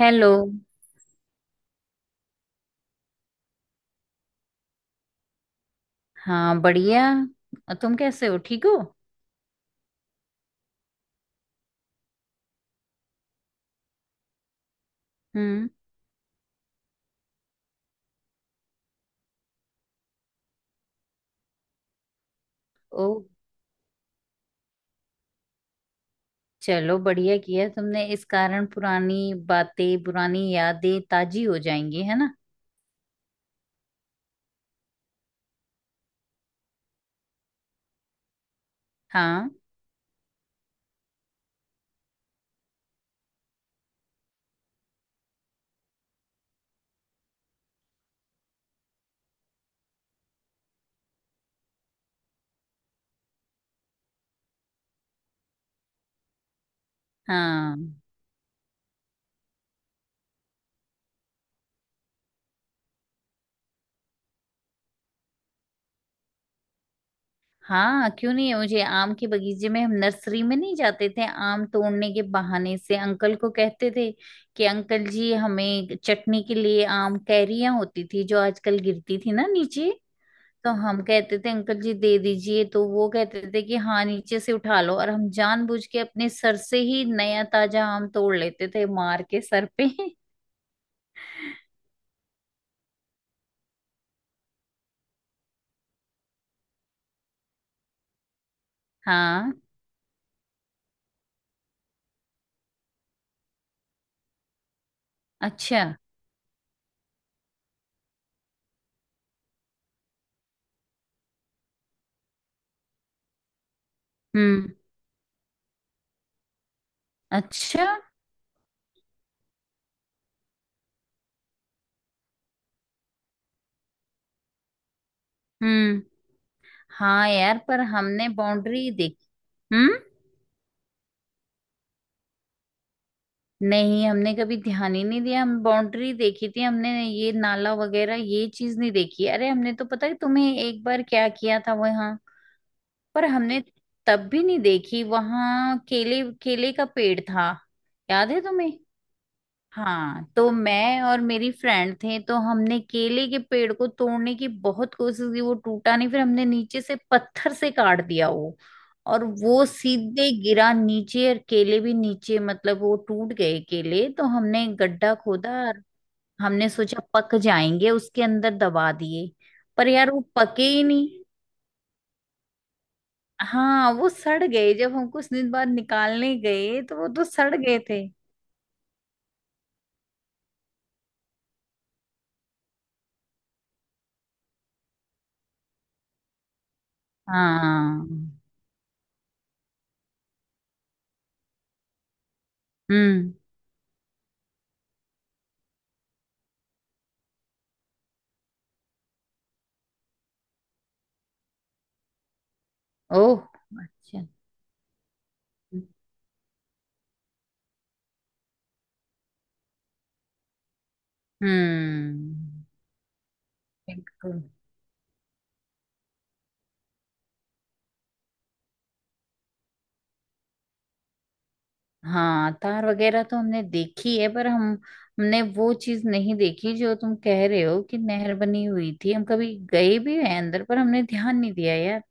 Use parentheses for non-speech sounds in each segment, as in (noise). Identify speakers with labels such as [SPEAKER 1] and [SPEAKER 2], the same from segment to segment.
[SPEAKER 1] Hello. हाँ बढ़िया। और तुम कैसे हो? ठीक हो? हम्म। ओ, चलो बढ़िया किया तुमने। इस कारण पुरानी बातें, पुरानी यादें ताजी हो जाएंगी, है ना। हाँ हाँ हाँ, क्यों नहीं। मुझे आम के बगीचे में, हम नर्सरी में नहीं जाते थे आम तोड़ने के बहाने से? अंकल को कहते थे कि अंकल जी हमें चटनी के लिए आम, कैरियां होती थी जो आजकल गिरती थी ना नीचे। तो हम कहते थे अंकल जी दे दीजिए, तो वो कहते थे कि हाँ नीचे से उठा लो। और हम जानबूझ के अपने सर से ही नया ताजा आम तोड़ लेते थे, मार के सर पे। (laughs) हाँ। अच्छा। हम्म। अच्छा। हम्म। हाँ यार, पर हमने बाउंड्री देखी। हम्म। नहीं, हमने कभी ध्यान ही नहीं दिया। हम बाउंड्री देखी थी, हमने ये नाला वगैरह ये चीज नहीं देखी। अरे हमने, तो पता है तुम्हें एक बार क्या किया था वहां पर? हमने तब भी नहीं देखी, वहां केले केले का पेड़ था। याद है तुम्हें? हाँ, तो मैं और मेरी फ्रेंड थे, तो हमने केले के पेड़ को तोड़ने की बहुत कोशिश की। वो टूटा नहीं, फिर हमने नीचे से पत्थर से काट दिया वो। और वो सीधे गिरा नीचे, और केले भी नीचे, मतलब वो टूट गए केले। तो हमने गड्ढा खोदा, और हमने सोचा पक जाएंगे उसके अंदर, दबा दिए। पर यार वो पके ही नहीं। हाँ वो सड़ गए। जब हम कुछ दिन बाद निकालने गए तो वो तो सड़ गए थे। हाँ। हम्म। ओह। अच्छा। हम्म। बिल्कुल। हाँ तार वगैरह तो हमने देखी है, पर हम हमने वो चीज नहीं देखी जो तुम कह रहे हो कि नहर बनी हुई थी। हम कभी गए भी हैं अंदर, पर हमने ध्यान नहीं दिया यार।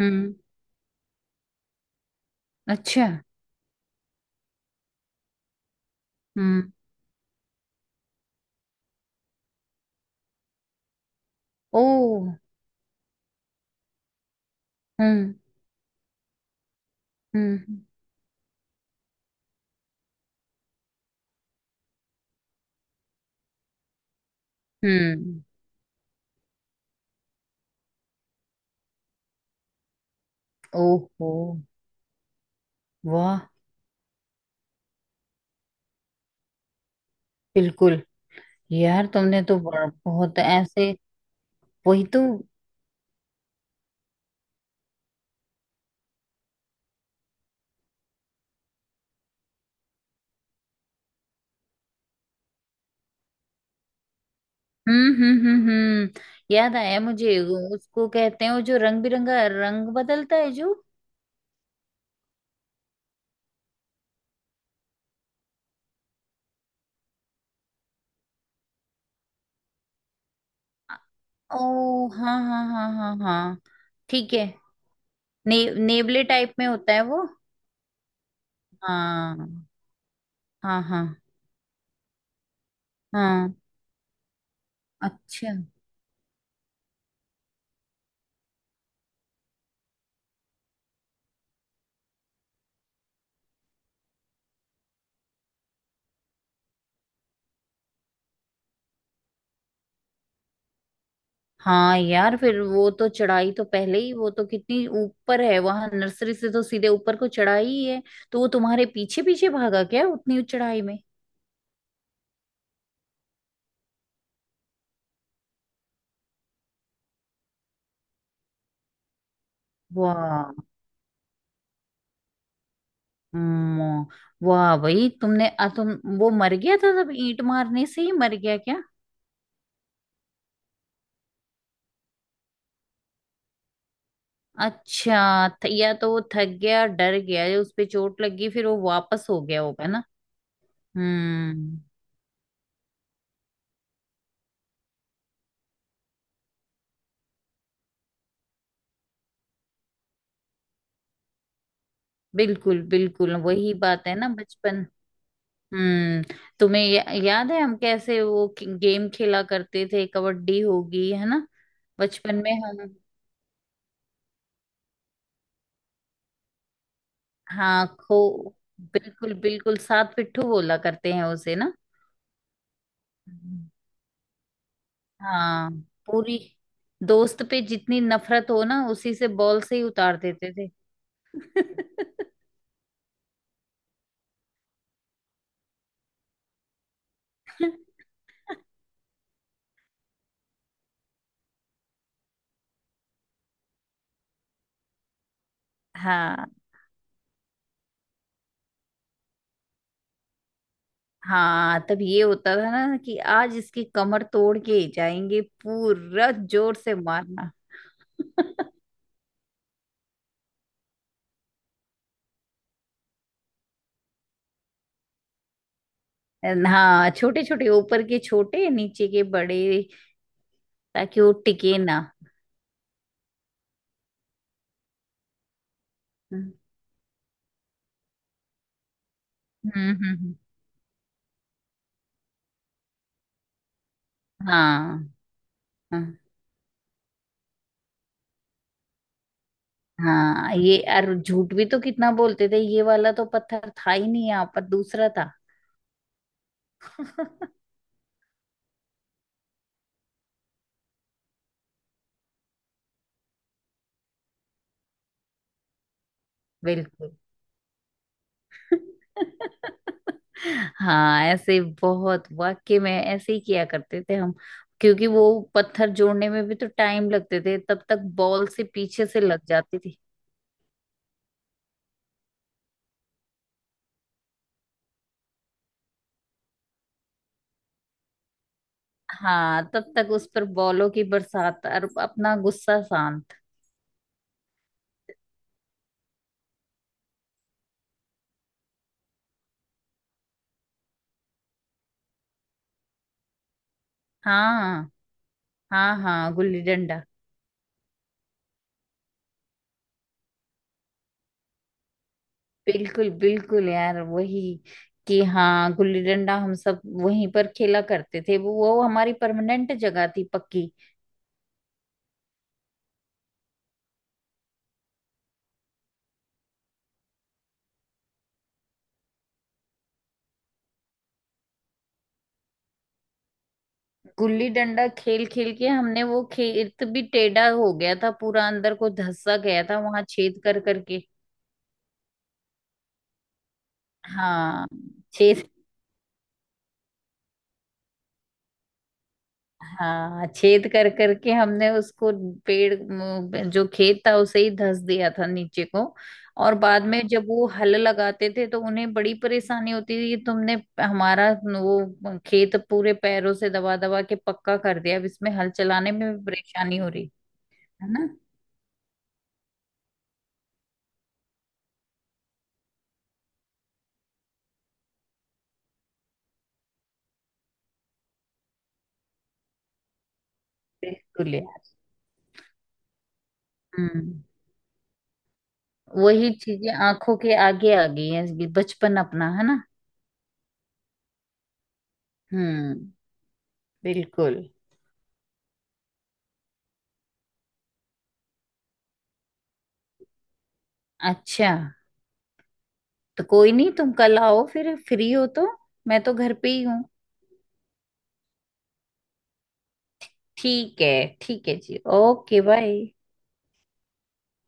[SPEAKER 1] हम्म। अच्छा। हम्म। ओह। हम्म हम्म हम्म। ओहो। वाह। बिल्कुल। यार तुमने तो बहुत ऐसे। वही तो। हम्म। याद आया मुझे। वो उसको कहते हैं वो जो रंग बिरंगा, रंग बदलता है जो। आ- ओ हाँ हाँ हाँ हाँ हाँ। ठीक है। नेवले टाइप में होता है वो। हाँ हाँ हाँ हाँ। अच्छा। हाँ यार, फिर वो तो चढ़ाई तो पहले ही, वो तो कितनी ऊपर है। वहां नर्सरी से तो सीधे ऊपर को चढ़ाई ही है। तो वो तुम्हारे पीछे पीछे भागा क्या उतनी चढ़ाई में? वाह। हम्म। वाह भाई, तुमने आ, तुम वो मर गया था? सब ईंट मारने से ही मर गया क्या? अच्छा, या तो वो थक गया, डर गया, या उस पे चोट लग गई, फिर वो वापस हो गया होगा ना। हम्म। बिल्कुल, बिल्कुल वही बात है ना, बचपन। हम्म। तुम्हें याद है हम कैसे वो गेम खेला करते थे? कबड्डी, होगी है ना? बचपन में हम, हाँ खो बिल्कुल बिल्कुल, सात पिट्ठू बोला करते हैं उसे ना। हाँ। पूरी दोस्त पे जितनी नफरत हो ना, उसी से, बॉल से ही उतार देते थे। (laughs) हाँ। हाँ तब ये होता था ना कि आज इसकी कमर तोड़ के ही जाएंगे, पूरा जोर से मारना। (laughs) हाँ छोटे छोटे ऊपर के, छोटे नीचे के बड़े, ताकि वो टिके ना। हम्म। हम्म हम्म, हाँ। हाँ हाँ, ये और झूठ भी तो कितना बोलते थे, ये वाला तो पत्थर था ही नहीं, यहाँ पर दूसरा था। बिल्कुल। हाँ ऐसे बहुत, वाकई में ऐसे ही किया करते थे हम। क्योंकि वो पत्थर जोड़ने में भी तो टाइम लगते थे, तब तक बॉल से पीछे से लग जाती थी। हाँ तब तक उस पर बॉलों की बरसात, और अपना गुस्सा शांत। हाँ। हाँ गुल्ली डंडा। बिल्कुल बिल्कुल यार, वही। कि हाँ, गुल्ली डंडा हम सब वहीं पर खेला करते थे। वो हमारी परमानेंट जगह थी पक्की। गुल्ली डंडा खेल खेल के हमने वो खेत भी टेढ़ा हो गया था, पूरा अंदर को धंसा गया था, वहां छेद कर करके। हाँ छेद। हाँ, छेद कर करके हमने उसको, जो खेत था उसे ही धंस दिया था नीचे को। और बाद में जब वो हल लगाते थे तो उन्हें बड़ी परेशानी होती थी कि तुमने हमारा वो खेत पूरे पैरों से दबा दबा के पक्का कर दिया, अब इसमें हल चलाने में भी परेशानी हो रही, है ना। बिल्कुल यार। हम्म। वही चीजें आंखों के आगे आ गई हैं, ये बचपन अपना, है ना। हम्म। बिल्कुल। अच्छा, तो कोई नहीं, तुम कल आओ फिर, फ्री हो तो। मैं तो घर पे ही हूँ। ठीक है। ठीक है जी, ओके बाय।